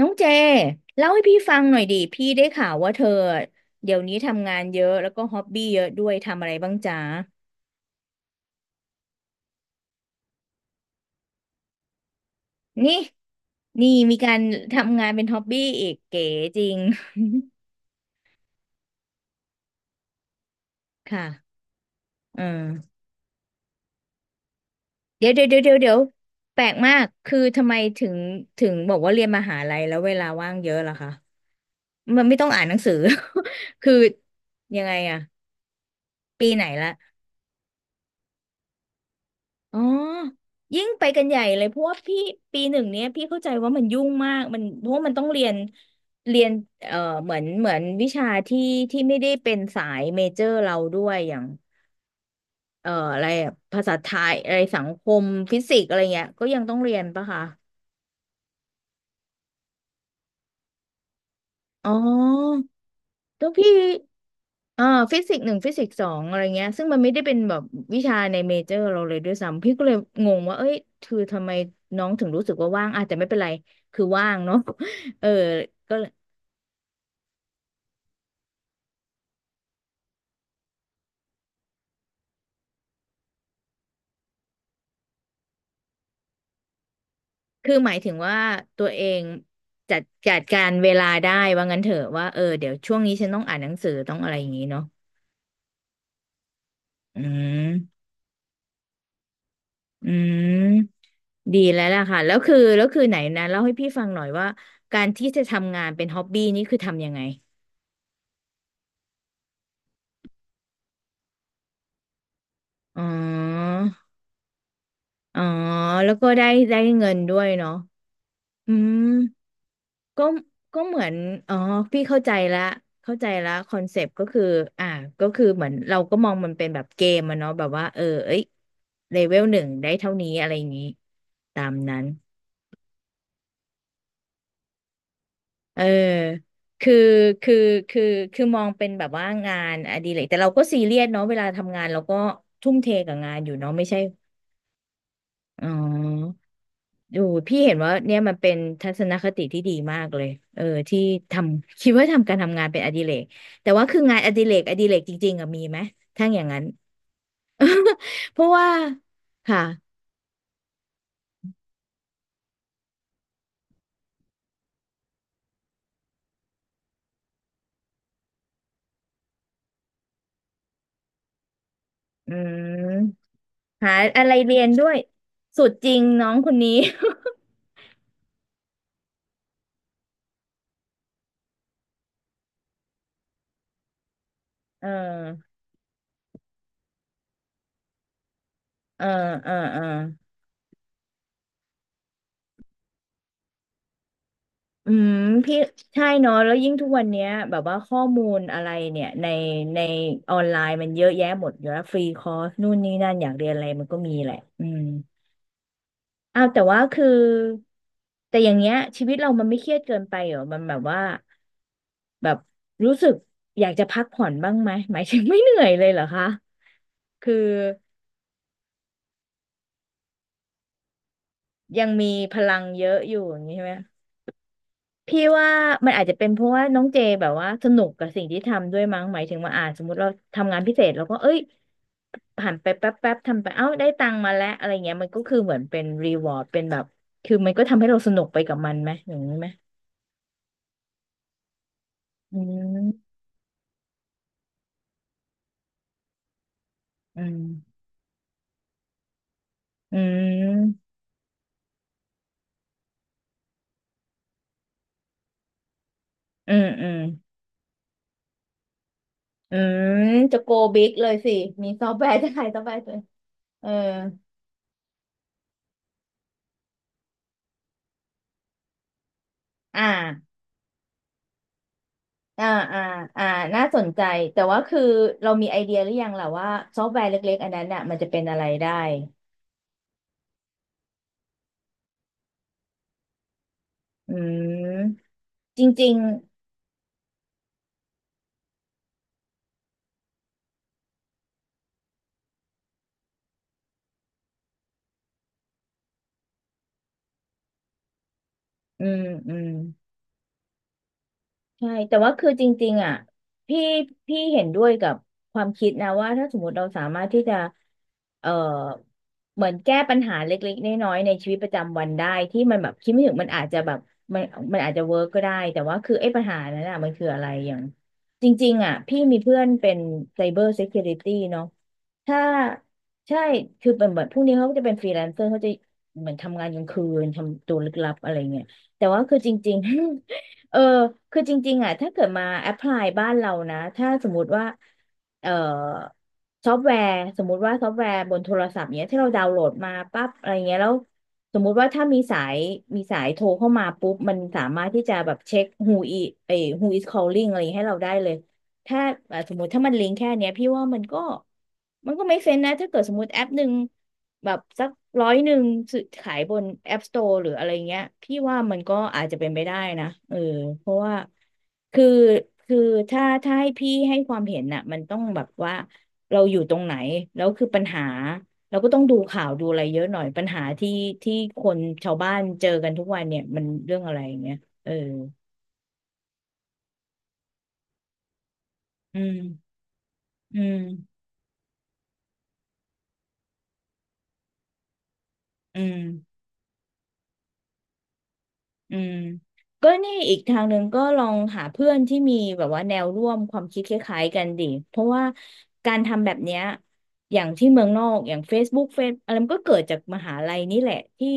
น้องเจเล่าให้พี่ฟังหน่อยดิพี่ได้ข่าวว่าเธอเดี๋ยวนี้ทำงานเยอะแล้วก็ฮ็อบบี้เยอะด้วยทำอะไรบ้างจ๊ะนี่นี่มีการทำงานเป็นฮ็อบบี้อีกเก๋จริง ค่ะเออเดี๋ยวเดี๋ยวเดี๋ยวเดี๋ยวเดี๋ยวแปลกมากคือทำไมถึงบอกว่าเรียนมหาลัยแล้วเวลาว่างเยอะล่ะคะมันไม่ต้องอ่านหนังสือ คือยังไงอะปีไหนละ อ๋อยิ่งไปกันใหญ่เลยเพราะว่าพี่ปีหนึ่งเนี้ยพี่เข้าใจว่ามันยุ่งมากมันเพราะว่ามันต้องเรียนเอ่อเหมือนวิชาที่ไม่ได้เป็นสายเมเจอร์เราด้วยอย่างอะไรอะภาษาไทยอะไรสังคมฟิสิกส์อะไรเงี้ยก็ยังต้องเรียนปะคะอ๋อ แล้วพี่อ่าฟิสิกส์หนึ่งฟิสิกส์สองอะไรเงี้ยซึ่งมันไม่ได้เป็นแบบวิชาในเมเจอร์เราเลยด้วยซ้ำพี่ก็เลยงงว่าเอ้ยคือทำไมน้องถึงรู้สึกว่าว่างอ่ะแต่ไม่เป็นไรคือว่างเนาะ เออก็คือหมายถึงว่าตัวเองจัดการเวลาได้ว่างั้นเถอะว่าเออเดี๋ยวช่วงนี้ฉันต้องอ่านหนังสือต้องอะไรอย่างงี้เนาะอืมอืมดีแล้วล่ะค่ะแล้วคือไหนนะเล่าให้พี่ฟังหน่อยว่าการที่จะทำงานเป็นฮ็อบบี้นี่คือทำยังไง อ๋ออ๋อแล้วก็ได้ได้เงินด้วยเนาะอืมก็ก็เหมือนอ๋อพี่เข้าใจละเข้าใจละคอนเซปต์ก็คืออ่าก็คือเหมือนเราก็มองมันเป็นแบบเกมอะเนาะแบบว่าเออเอ้ยเลเวลหนึ่งได้เท่านี้อะไรอย่างนี้ตามนั้นเออคือคือคือคือมองเป็นแบบว่างานอดิเรกแต่เราก็ซีเรียสเนาะเวลาทำงานเราก็ทุ่มเทกับงานอยู่เนาะไม่ใช่อ๋อ ดูพี่เห็นว่าเนี่ยมันเป็นทัศนคติที่ดีมากเลยเออที่ทำคิดว่าทำการทำงานเป็นอดิเรกแต่ว่าคืองานอดิเรกอดิเรกจริงๆอะมีไหมถ้าอย่างนั้นเพราะว่าค่ะอืมหาอะไรเรียนด้วยสุดจริงน้องคนนี้ เออเออเออเอออืมพี่ใช่เนาะแล้วยิ่งทุกวันเนี้ยแบบว่าข้อมูลอะไรเนี่ยในออนไลน์มันเยอะแยะหมดอยู่แล้วฟรีคอร์สนู่นนี่นั่นอยากเรียนอะไรมันก็มีแหละอืม อ้าวแต่ว่าคือแต่อย่างเงี้ยชีวิตเรามันไม่เครียดเกินไปเหรอมันแบบว่าแบบรู้สึกอยากจะพักผ่อนบ้างไหมหมายถึงไม่เหนื่อยเลยเหรอคะคือยังมีพลังเยอะอยู่อย่างนี้ใช่ไหมพี่ว่ามันอาจจะเป็นเพราะว่าน้องเจแบบว่าสนุกกับสิ่งที่ทำด้วยมั้งหมายถึงว่าอ่าสมมติเราทำงานพิเศษเราก็เอ้ยผ่านไปแป๊บแป๊บทำไปเอ้าได้ตังค์มาแล้วอะไรเงี้ยมันก็คือเหมือนเป็นรีวอร์ดเป็นแบบคือมันก็ทำให้เราสนุกไปกับมันไหมอย่างนี้ไหมอืมอืม อืมอืมอืม อืม จะโกบิ๊กเลยสิ มีซอฟต์แวร์ จะขายซอฟต์แวร์ตัวเองเอออ่าอ่าอ่าอ่าน่าสนใจ แต่ว่าคือเรามีไอเดียหรือยังล่ะว่าซอฟต์แวร์เล็กๆอันนั้นน่ะมันจะเป็นอะไรได้อืมจริงๆ อืม อืม ใช่แต่ว่าคือจริงๆอ่ะพี่พี่เห็นด้วยกับความคิดนะว่าถ้าสมมติเราสามารถที่จะเอ่อเหมือนแก้ปัญหาเล็กๆน้อยๆในชีวิตประจำวันได้ที่มันแบบคิดไม่ถึงมันอาจจะแบบมันมันอาจจะเวิร์กก็ได้แต่ว่าคือไอ้ปัญหานั้นอ่ะมันคืออะไรอย่างจริงๆอ่ะพี่มีเพื่อนเป็น Cyber Security เนาะถ้าใช่คือเป็นเหมือนพวกนี้เขาก็จะเป็นฟรีแลนเซอร์เขาจะเหมือนทำงานกลางคืนทำตัวลึกลับอะไรเงี้ยแต่ว่าคือจริงๆ เออคือจริงๆอ่ะถ้าเกิดมาแอพพลายบ้านเรานะถ้าสมมติว่าเอ่อซอฟต์แวร์สมมติว่าซอฟต์แวร์บนโทรศัพท์เนี้ยที่เราดาวน์โหลดมาปั๊บอะไรเงี้ยแล้วสมมุติว่าถ้ามีสายโทรเข้ามาปุ๊บมันสามารถที่จะแบบเช็ค who is เอ้ย who is calling อะไรให้เราได้เลย ถ้าอ่ะสมมติถ้ามันลิงก์แค่เนี้ยพี่ว่ามันก็ไม่เซนนะถ้าเกิดสมมติแอปหนึ่งแบบสักร้อยหนึ่งซื้อขายบน App Store หรืออะไรเงี้ยพี่ว่ามันก็อาจจะเป็นไปได้นะเออเพราะว่าคือคือถ้าให้พี่ให้ความเห็นน่ะมันต้องแบบว่าเราอยู่ตรงไหนแล้วคือปัญหาเราก็ต้องดูข่าวดูอะไรเยอะหน่อยปัญหาที่คนชาวบ้านเจอกันทุกวันเนี่ยมันเรื่องอะไรอย่างเงี้ยเอออืมอืมอืม อืมก็นี่อีกทางหนึ่งก็ลองหาเพื่อนที่มีแบบว่าแนวร่วมความคิดคล้ายๆกันดิเพราะว่าการทำแบบเนี้ยอย่างที่เมืองนอกอย่าง Facebook เฟซอะไรมันก็เกิดจากมหาลัยนี่แหละ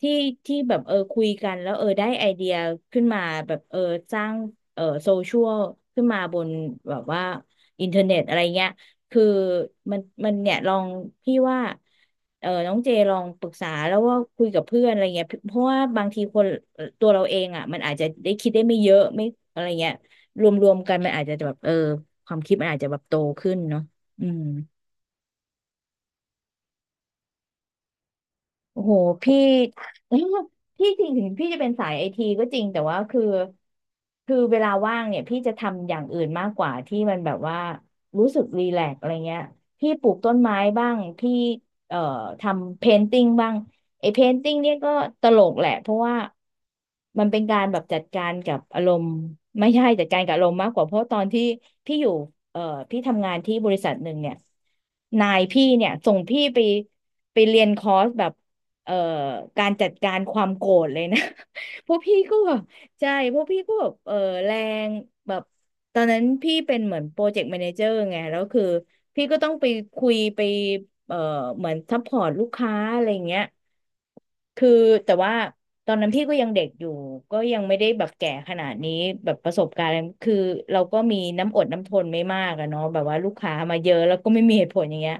ที่ที่แบบเออคุยกันแล้วเออได้ไอเดียขึ้นมาแบบเออสร้างเออโซเชียลขึ้นมาบนแบบว่าอินเทอร์เน็ตอะไรเงี้ย คือมันเนี่ยลองพี่ว่าเออน้องเจลองปรึกษาแล้วว่าคุยกับเพื่อนอะไรเงี้ยเพราะว่าบางทีคนตัวเราเองอ่ะมันอาจจะได้คิดได้ไม่เยอะไม่อะไรเงี้ยรวมๆกันมันอาจจะแบบเออความคิดมันอาจจะแบบโตขึ้นเนาะอืม โอ้โหพี่ พี่จริงถึงพี่จะเป็นสายไอทีก็จริงแต่ว่าคือเวลาว่างเนี่ยพี่จะทำอย่างอื่นมากกว่าที่มันแบบว่ารู้สึกรีแลกซ์อะไรเงี้ยพี่ปลูกต้นไม้บ้างพี่เอ่อทำเพนติ้งบ้างไอเพนติ้งเนี่ยก็ตลกแหละเพราะว่ามันเป็นการแบบจัดการกับอารมณ์ไม่ใช่จัดการกับอารมณ์มากกว่าเพราะตอนที่พี่อยู่เอ่อพี่ทำงานที่บริษัทหนึ่งเนี่ยนายพี่เนี่ยส่งพี่ไปไปเรียนคอร์สแบบ เอ่อการจัดการความโกรธเลยนะ พวกพี่ก็แบบใช่พวกพี่ก็แบบเออแรงแบบตอนนั้นพี่เป็นเหมือนโปรเจกต์แมเนเจอร์ไงแล้วคือพี่ก็ต้องไปคุยไปเอ่อเหมือนซัพพอร์ตลูกค้าอะไรเงี้ยคือแต่ว่าตอนนั้นพี่ก็ยังเด็กอยู่ก็ยังไม่ได้แบบแก่ขนาดนี้แบบประสบการณ์อะไรคือเราก็มีน้ำอดน้ำทนไม่มากอะเนาะแบบว่าลูกค้ามาเยอะแล้วก็ไม่มีเหตุผลอย่างเงี้ย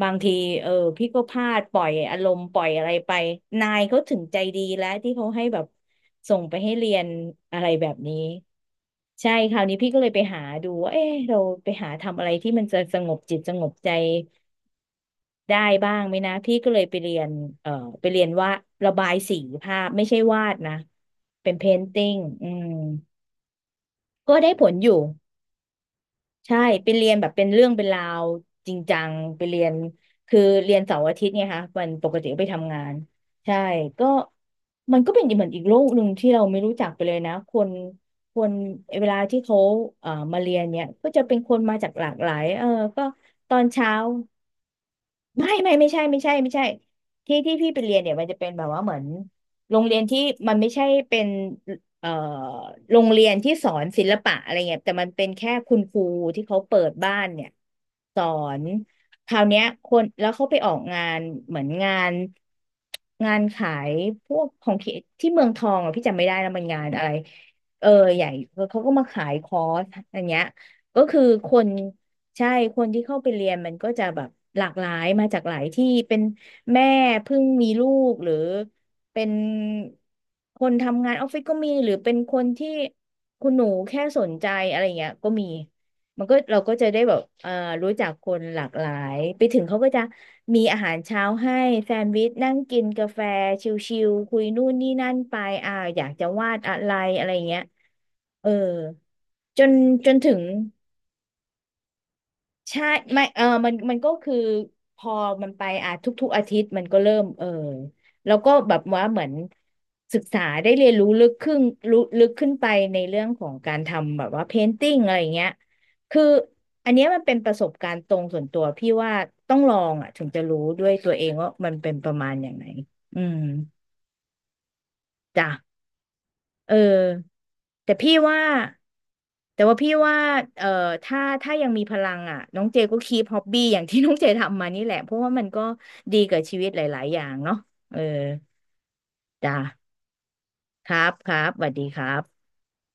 บางทีเออพี่ก็พลาดปล่อยอารมณ์ปล่อยอะไรไปนายเขาถึงใจดีแล้วที่เขาให้แบบส่งไปให้เรียนอะไรแบบนี้ใช่คราวนี้พี่ก็เลยไปหาดูว่าเอ๊ะเราไปหาทำอะไรที่มันจะสงบจิตสงบใจได้บ้างไหมนะพี่ก็เลยไปเรียนเอ่อไปเรียนว่าระบายสีภาพไม่ใช่วาดนะเป็นเพนติ้งอืมก็ได้ผลอยู่ ใช่ไปเรียนแบบเป็นเรื่องเป็นราวจริงจังไปเรียนคือเรียนเสาร์อาทิตย์เนี่ยค่ะวันปกติก็ไปทำงานใช่ก็มันก็เป็นเหมือนอีกโลกหนึ่งที่เราไม่รู้จักไปเลยนะคนเวลาที่เขามาเรียนเนี่ยก็จะเป็นคนมาจากหลากหลายเออก็ตอนเช้า ไม่ไม่ไม่ใช่ไม่ใช่ไม่ใช่ที่พี่ไปเรียนเนี่ยมันจะเป็นแบบว่าเหมือนโรงเรียนที่มันไม่ใช่เป็นเอ่อโรงเรียนที่สอนศิลปะอะไรเงี้ยแต่มันเป็นแค่คุณครูที่เขาเปิดบ้านเนี่ยสอนคราวเนี้ยคนแล้วเขาไปออกงานเหมือนงานขายพวกของที่เมืองทองอ่ะพี่จำไม่ได้แล้วมันงานอะไรเออใหญ่เขาก็มาขายคอร์สอันเนี้ยก็คือคน ใช่คนที่เข้าไปเรียนมันก็จะแบบหลากหลายมาจากหลายที่เป็นแม่เพิ่งมีลูกหรือเป็นคนทำงานออฟฟิศก็มีหรือเป็นคนที่คุณหนูแค่สนใจอะไรเงี้ยก็มีมันก็เราก็จะได้แบบรู้จักคนหลากหลายไปถึงเขาก็จะมีอาหารเช้าให้แซนด์วิชนั่งกินกาแฟชิลๆคุยนู่นนี่นั่นไปอ่าอยากจะวาดอะไรอะไรเงี้ยเออจนจนถึง ใช่ไม่เออมันก็คือพอมันไปอ่ะทุกๆอาทิตย์มันก็เริ่มเออแล้วก็แบบว่าเหมือนศึกษาได้เรียนรู้ลึกขึ้นรู้ลึกขึ้นไปในเรื่องของการทำแบบว่าเพนติ้งอะไรอย่างเงี้ยคืออันเนี้ยมันเป็นประสบการณ์ตรงส่วนตัวพี่ว่าต้องลองอ่ะถึงจะรู้ด้วยตัวเองว่ามันเป็นประมาณอย่างไหนอืมจ้ะ เออแต่พี่ว่าแต่ว่าพี่ว่าเอ่อถ้ายังมีพลังอ่ะน้องเจก็คีปฮ็อบบี้อย่างที่ น้องเจทำมานี่แหละเพราะว่ามันก็ดีกับชีวิตหลาย ๆ อย่างเนาะเออจ้าครับครับสวัสดีครับ